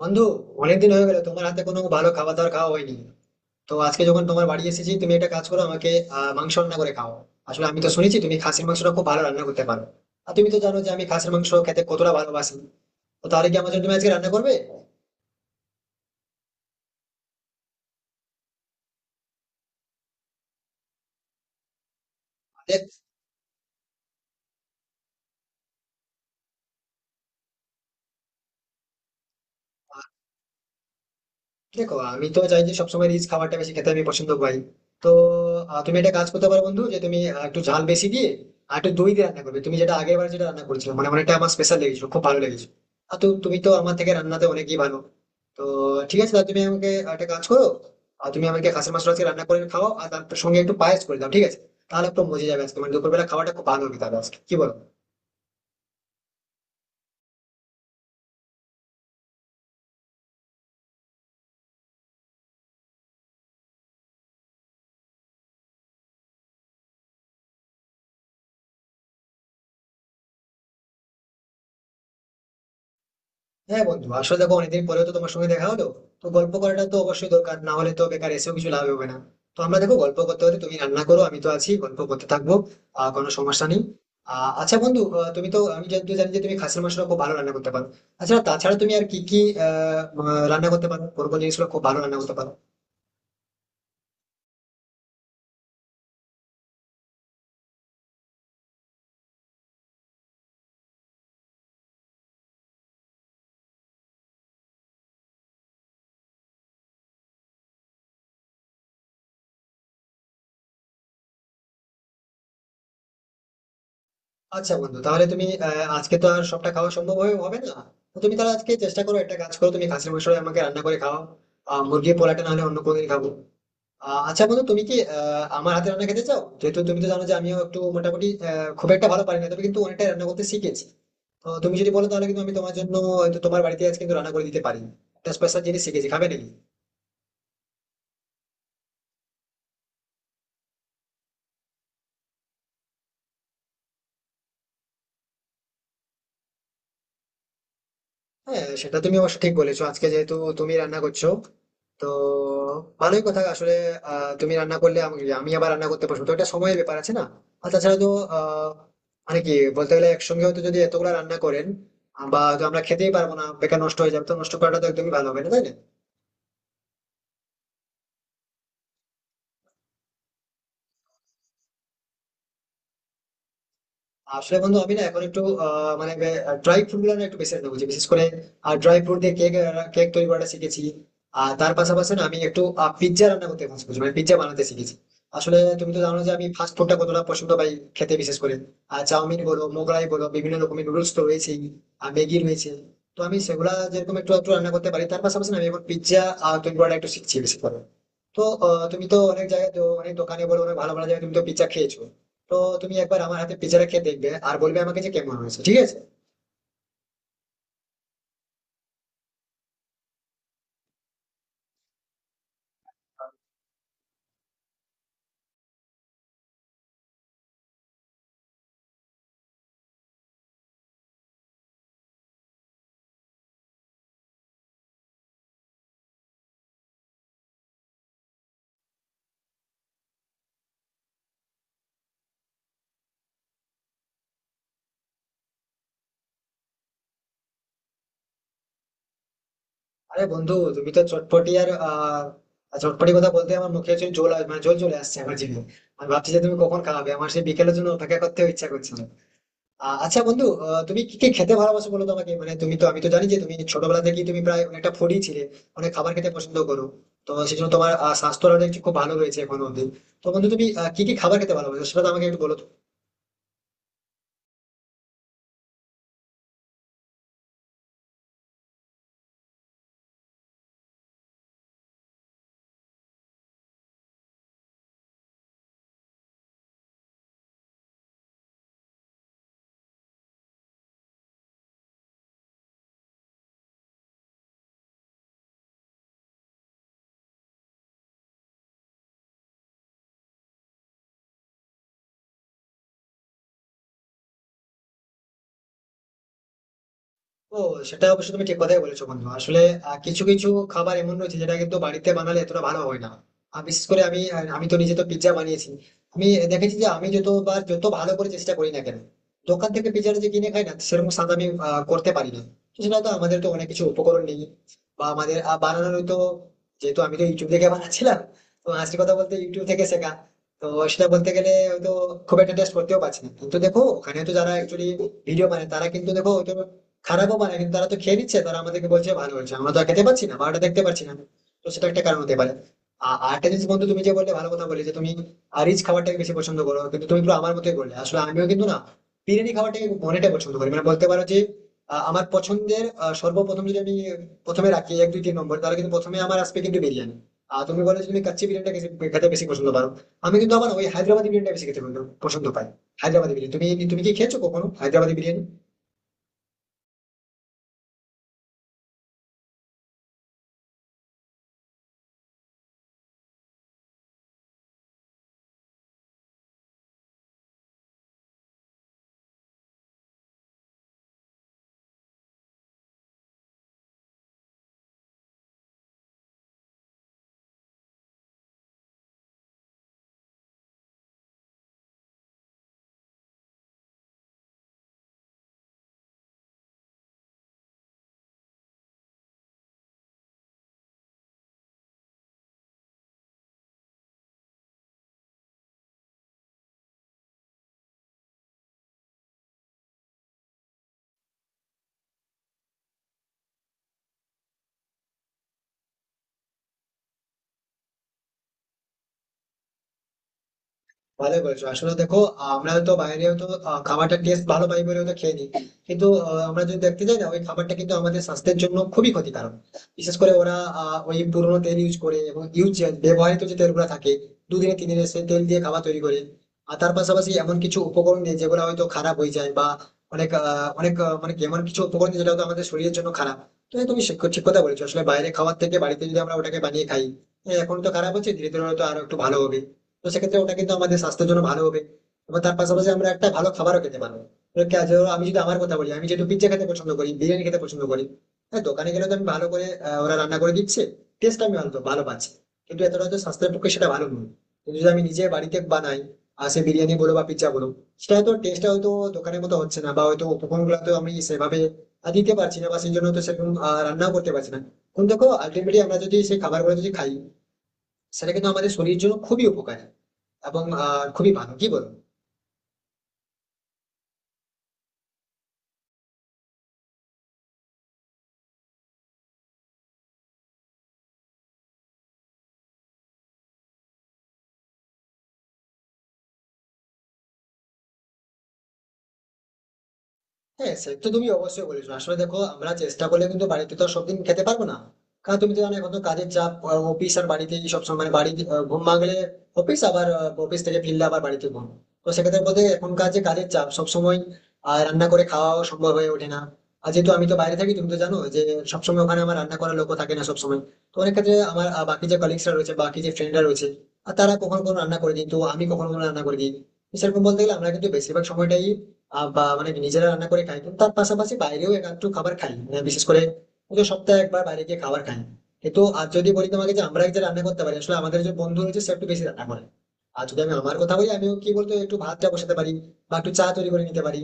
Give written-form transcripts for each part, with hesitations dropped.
বন্ধু, অনেকদিন হয়ে গেল তোমার হাতে কোনো ভালো খাবার দাবার খাওয়া হয়নি। তো আজকে যখন তোমার বাড়ি এসেছি, তুমি একটা কাজ করো আমাকে মাংস রান্না করে খাও। আসলে আমি তো শুনেছি তুমি খাসির মাংসটা খুব ভালো রান্না করতে পারো। আর তুমি তো জানো যে আমি খাসির মাংস খেতে কতটা ভালোবাসি। তো তাহলে কি আমার জন্য তুমি আজকে রান্না করবে? দেখ দেখো, আমি তো চাই যে সবসময় রিচ খাবারটা বেশি খেতে আমি পছন্দ করি। তো তুমি একটা কাজ করতে পারো বন্ধু, যে তুমি একটু ঝাল বেশি দিয়ে আর একটু দই দিয়ে রান্না করবে, তুমি যেটা আগের বার যেটা রান্না করেছিলে, মানে অনেকটা আমার স্পেশাল লেগেছিল, খুব ভালো লেগেছিল। আর তো তুমি তো আমার থেকে রান্নাতে অনেকই ভালো। তো ঠিক আছে, তাহলে তুমি আমাকে একটা কাজ করো, আর তুমি আমাকে খাসির মাংস আজকে রান্না করে খাও, আর তার সঙ্গে একটু পায়েস করে দাও, ঠিক আছে? তাহলে একটু মজে যাবে আজকে, মানে দুপুরবেলা খাওয়াটা খুব ভালো হবে তাহলে আজকে, কি বলো? হ্যাঁ বন্ধু, আসলে দেখো অনেকদিন পরেও তো তোমার সঙ্গে দেখা হলো। তো গল্প করাটা তো অবশ্যই দরকার, না হলে তো বেকার এসেও কিছু লাভ হবে না। তো আমরা দেখো গল্প করতে হলে তুমি রান্না করো, আমি তো আছি, গল্প করতে থাকবো। কোনো সমস্যা নেই। আচ্ছা বন্ধু, তুমি তো আমি যেহেতু জানি যে তুমি খাসির মাংসটা খুব ভালো রান্না করতে পারো। আচ্ছা তাছাড়া তুমি আর কি কি আহ আহ, রান্না করতে পারো, কোন কোন জিনিসগুলো খুব ভালো রান্না করতে পারো? আচ্ছা বন্ধু, তাহলে তুমি আজকে তো আর সবটা খাওয়া হবে না। তো তুমি তাহলে আজকে চেষ্টা করো, একটা কাজ করো, তুমি খাসির মাংস আমাকে রান্না করে খাও। আহ মুরগির পোলাটা না হলে অন্য কোনো দিন খাবো। আচ্ছা বন্ধু, তুমি কি আমার হাতে রান্না খেতে চাও? যেহেতু তুমি তো জানো যে আমিও একটু মোটামুটি, খুব একটা ভালো পারি না, তবে কিন্তু অনেকটা রান্না করতে শিখেছি। তো তুমি যদি বলো, তাহলে কিন্তু আমি তোমার জন্য হয়তো তোমার বাড়িতে আজ কিন্তু রান্না করে দিতে পারি। একটা স্পেশাল জিনিস শিখেছি, খাবে নাকি? হ্যাঁ সেটা তুমি অবশ্য ঠিক বলেছো, আজকে যেহেতু তুমি রান্না করছো, তো ভালোই কথা। আসলে তুমি রান্না করলে আমি আমি আবার রান্না করতে পারবো তো, এটা সময়ের ব্যাপার আছে না। আর তাছাড়া তো আহ মানে কি বলতে গেলে একসঙ্গে হয়তো যদি এতগুলা রান্না করেন, বা হয়তো আমরা খেতেই পারবো না, বেকার নষ্ট হয়ে যাবে, তো নষ্ট করাটা তো একদমই ভালো হবে না, তাই না? আসলে বন্ধু আমি না এখন একটু মানে ড্রাই ফ্রুট গুলো না একটু বেশি রান্না করছি, বিশেষ করে ড্রাই ফ্রুট দিয়ে কেক কেক তৈরি করাটা শিখেছি। আর তার পাশাপাশি না আমি একটু পিৎজা রান্না করতে পছন্দ করছি, মানে পিৎজা বানাতে শিখেছি। আসলে তুমি তো জানো যে আমি ফাস্ট ফুডটা কতটা পছন্দ পাই খেতে, বিশেষ করে আর চাউমিন বলো মোগলাই বলো বিভিন্ন রকমের নুডলস তো রয়েছেই, আর ম্যাগি রয়েছে। তো আমি সেগুলা যেরকম একটু একটু রান্না করতে পারি, তার পাশাপাশি না আমি এখন পিৎজা তৈরি করাটা একটু শিখছি বেশি করে। তো তুমি তো অনেক জায়গায় তো অনেক দোকানে বলো অনেক ভালো ভালো জায়গায় তুমি তো পিৎজা খেয়েছো। তো তুমি একবার আমার হাতে পিজাটা খেয়ে দেখবে, আর বলবে আমাকে যে কেমন হয়েছে, ঠিক আছে? আরে বন্ধু, তুমি তো চটপটি, আর চটপটি কথা বলতে আমার মুখে হচ্ছে জল, মানে জল চলে আসছে আমার জিভে। আমি ভাবছি যে তুমি কখন খাওয়াবে, আমার সেই বিকেলের জন্য অপেক্ষা করতে ইচ্ছা করছে না। আচ্ছা বন্ধু, তুমি কি কি খেতে ভালোবাসো বলো তো আমাকে, মানে তুমি তো আমি তো জানি যে তুমি ছোটবেলা থেকেই তুমি প্রায় অনেকটা ফুডি ছিলে, অনেক খাবার খেতে পছন্দ করো। তো সেই জন্য তোমার স্বাস্থ্যটা দেখছি খুব ভালো রয়েছে এখন অব্দি। তো বন্ধু, তুমি কি কি খাবার খেতে ভালোবাসো সেটা তো আমাকে একটু বলো তো। ও, সেটা অবশ্য তুমি ঠিক কথাই বলেছো বন্ধু। আসলে কিছু কিছু খাবার এমন রয়েছে যেটা কিন্তু বাড়িতে বানালে এতটা ভালো হয় না। আর বিশেষ করে আমি আমি তো নিজে তো পিৎজা বানিয়েছি। আমি দেখেছি যে আমি যতবার যত ভালো করে চেষ্টা করি না কেন, দোকান থেকে পিৎজাটা যে কিনে খাই না, সেরকম স্বাদ আমি করতে পারি না। তো সেটা তো আমাদের তো অনেক কিছু উপকরণ নেই বা আমাদের বানানোর তো, যেহেতু আমি তো ইউটিউব থেকে বানাচ্ছিলাম, তো আসল কথা বলতে ইউটিউব থেকে শেখা। তো সেটা বলতে গেলে হয়তো খুব একটা টেস্ট করতেও পারছি না। কিন্তু দেখো ওখানে তো যারা একচুয়ালি ভিডিও বানায় তারা কিন্তু দেখো হয়তো খারাপও বানায়, কিন্তু তারা তো খেয়ে নিচ্ছে, তারা আমাদেরকে বলছে ভালো হয়েছে, আমরা তো আর খেতে পারছি না বা ওটা দেখতে পারছি না। তো সেটা একটা কারণ হতে পারে। আর আরেকটা জিনিস বন্ধু, তুমি যে বললে ভালো কথা বলে, যে তুমি রিচ খাবারটাকে বেশি পছন্দ করো, কিন্তু তুমি পুরো আমার মতোই বললে। আসলে আমিও কিন্তু না, বিরিয়ানি খাবারটাকে অনেকটা পছন্দ করি, মানে বলতে পারো যে আমার পছন্দের, সর্বপ্রথম যদি আমি প্রথমে রাখি এক দুই তিন নম্বর, তাহলে কিন্তু প্রথমে আমার আসবে কিন্তু বিরিয়ানি। আর তুমি বলে যে তুমি কাচ্চি বিরিয়ানিটা খেতে বেশি পছন্দ পারো। আমি কিন্তু আবার ওই হায়দ্রাবাদি বিরিয়ানিটা বেশি খেতে পছন্দ পছন্দ পাই। হায়দ্রাবাদি বিরিয়ানি তুমি তুমি কি খেয়েছো কখনো হায়দ্রাবাদি বিরিয়ানি? ভালো করেছো। আসলে দেখো আমরা হয়তো বাইরে হয়তো খাবারটার টেস্ট ভালো পাই বলে হয়তো খেয়ে নিই, কিন্তু আমরা যদি দেখতে যাই না ওই খাবারটা কিন্তু আমাদের স্বাস্থ্যের জন্য খুবই ক্ষতিকারক। বিশেষ করে ওরা ওই পুরোনো তেল ইউজ করে, এবং ইউজ ব্যবহৃত যে তেলগুলো থাকে, দুদিনে তিন দিনে সেই তেল দিয়ে খাবার তৈরি করে। আর তার পাশাপাশি এমন কিছু উপকরণ নেই যেগুলো হয়তো খারাপ হয়ে যায় বা অনেক আহ, অনেক আহ, মানে কি, এমন কিছু উপকরণ নেই যেটা হয়তো আমাদের শরীরের জন্য খারাপ। তো হ্যাঁ, তুমি ঠিক কথা বলেছো, আসলে বাইরে খাওয়ার থেকে বাড়িতে যদি আমরা ওটাকে বানিয়ে খাই। হ্যাঁ, এখন তো খারাপ হচ্ছে, ধীরে ধীরে হয়তো আরো একটু ভালো হবে। তো সেক্ষেত্রে ওটা কিন্তু আমাদের স্বাস্থ্যের জন্য ভালো হবে এবং তার পাশাপাশি আমরা একটা ভালো খাবারও খেতে পারবো। এবার যেমন আমি যদি আমার কথা বলি, আমি যেহেতু পিজ্জা খেতে পছন্দ করি, বিরিয়ানি খেতে পছন্দ করি, হ্যাঁ দোকানে গেলে তো আমি ভালো করে, ওরা রান্না করে দিচ্ছে, টেস্ট আমি ভালো ভালো পাচ্ছি, কিন্তু এতটা হয়তো স্বাস্থ্যের পক্ষে সেটা ভালো নয়। কিন্তু যদি আমি নিজে বাড়িতে বানাই, আর সে বিরিয়ানি বলো বা পিজ্জা বলো, সেটা হয়তো টেস্টটা হয়তো দোকানের মতো হচ্ছে না, বা হয়তো উপকরণ গুলো তো আমি সেভাবে দিতে পারছি না, বা সেই জন্য তো সেরকম রান্নাও করতে পারছি না। কিন্তু দেখো আলটিমেটলি আমরা যদি সেই খাবারগুলো যদি খাই, সেটা কিন্তু আমাদের শরীরের জন্য খুবই উপকারী এবং খুবই ভালো, কি বল? হ্যাঁ সে তো তুমি অবশ্যই বলেছো। আসলে দেখো আমরা চেষ্টা করলে কিন্তু বাড়িতে তো আর সবদিন খেতে পারবো না। কারণ তুমি তো জানো এখন তো কাজের চাপ, অফিস আর বাড়িতে সব সময় বাড়ি, ঘুম ভাঙলে অফিস, আবার অফিস থেকে ফিরলে আবার বাড়িতে ঘুম। তো সেক্ষেত্রে বলতে এখনকার যে কাজের চাপ, সব সময় রান্না করে খাওয়া সম্ভব হয়ে ওঠে না। আর যেহেতু আমি তো বাইরে থাকি, তুমি তো জানো যে সবসময় ওখানে আমার রান্না করার লোকও থাকে না সবসময়। তো অনেক ক্ষেত্রে আমার বাকি যে কলিগসরা রয়েছে বাকি যে ফ্রেন্ডরা রয়েছে, আর তারা কখনো কখনো রান্না করে দিই, তো আমি কখনো কখনো রান্না করে দিই। তো সেরকম বলতে গেলে আমরা কিন্তু বেশিরভাগ সময়টাই বা মানে নিজেরা রান্না করে খাই, কিন্তু তার পাশাপাশি বাইরেও একটু খাবার খাই, মানে বিশেষ করে হয়তো সপ্তাহে একবার বাইরে গিয়ে খাবার খাই। কিন্তু আর যদি বলি তোমাকে যে আমরা যে রান্না করতে পারি, আসলে আমাদের যে বন্ধু রয়েছে সে একটু বেশি রান্না করে। আর যদি আমি আমার কথা বলি আমিও কি বলতো, একটু ভাতটা বসাতে পারি, বা একটু চা তৈরি করে নিতে পারি,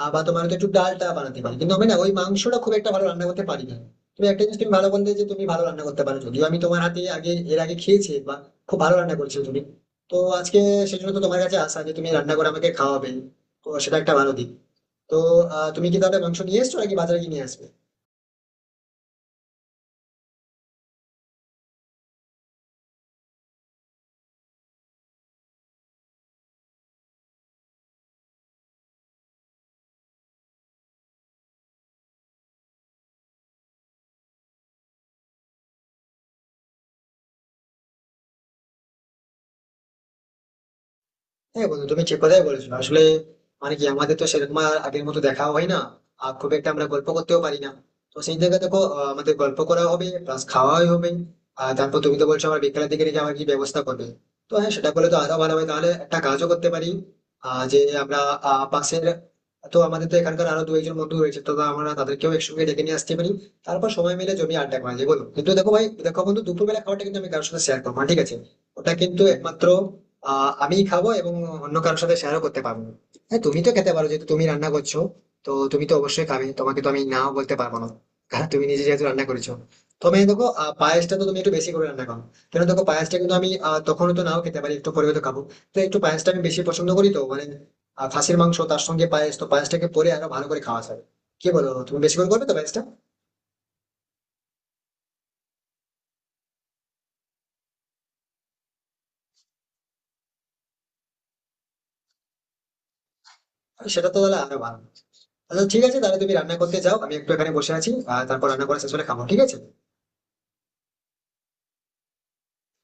বা তোমার হয়তো একটু ডালটা বানাতে পারি, কিন্তু আমি না ওই মাংসটা খুব একটা ভালো রান্না করতে পারি না। তুমি একটা জিনিস তুমি ভালো বললে যে তুমি ভালো রান্না করতে পারো, যদিও আমি তোমার হাতে আগে এর আগে খেয়েছি, বা খুব ভালো রান্না করেছো তুমি। তো আজকে সেই জন্য তো তোমার কাছে আসা যে তুমি রান্না করে আমাকে খাওয়াবে। তো সেটা একটা ভালো দিক। তো তুমি কি তাহলে মাংস নিয়ে এসছো নাকি বাজারে গিয়ে নিয়ে আসবে? হ্যাঁ বন্ধু, তুমি ঠিক কথাই বলেছো। আসলে মানে কি আমাদের তো সেরকম আর আগের মতো দেখাও হয় না, আর খুব একটা আমরা গল্প করতেও পারি না। তো সেই জায়গায় দেখো আমাদের গল্প করা হবে প্লাস খাওয়াই হবে। আর তারপর তুমি তো বলছো আমার বিকেলের দিকে নাকি আমার কি ব্যবস্থা করবে। তো হ্যাঁ, সেটা করলে তো আরো ভালো হয়, তাহলে একটা কাজও করতে পারি, আহ যে আমরা আহ পাশের তো আমাদের তো এখানকার আরো দু একজন বন্ধু রয়েছে, তো আমরা তাদেরকেও একসঙ্গে ডেকে নিয়ে আসতে পারি, তারপর সময় মিলে জমি আড্ডা করা যায়, বলো? কিন্তু দেখো ভাই, দেখো বন্ধু, দুপুরবেলা খাওয়াটা কিন্তু আমি কারোর সাথে শেয়ার করবো না, ঠিক আছে? ওটা কিন্তু একমাত্র আমি খাবো, এবং অন্য কারোর সাথে শেয়ারও করতে পারবো না। হ্যাঁ তুমি তো খেতে পারো, যেহেতু তুমি রান্না করছো, তো তুমি তো অবশ্যই খাবে, তোমাকে তো আমি নাও বলতে পারবো না, কারণ তুমি নিজে যেহেতু রান্না করেছো। তবে দেখো পায়েসটা তো তুমি একটু বেশি করে রান্না করো। কেন দেখো পায়েসটা কিন্তু আমি তখনও তো নাও খেতে পারি, একটু পরে তো খাবো। তো একটু পায়েসটা আমি বেশি পছন্দ করি, তো মানে খাসির মাংস তার সঙ্গে পায়েস, তো পায়েসটাকে পরে আরো ভালো করে খাওয়া যাবে। কি বলো, তুমি বেশি করে করবে তো পায়েসটা? সেটা তো তাহলে আরো ভালো। আচ্ছা ঠিক আছে, তাহলে তুমি রান্না করতে যাও, আমি একটু এখানে বসে আছি, আর তারপর রান্না করা শেষ হলে খাবো, ঠিক আছে।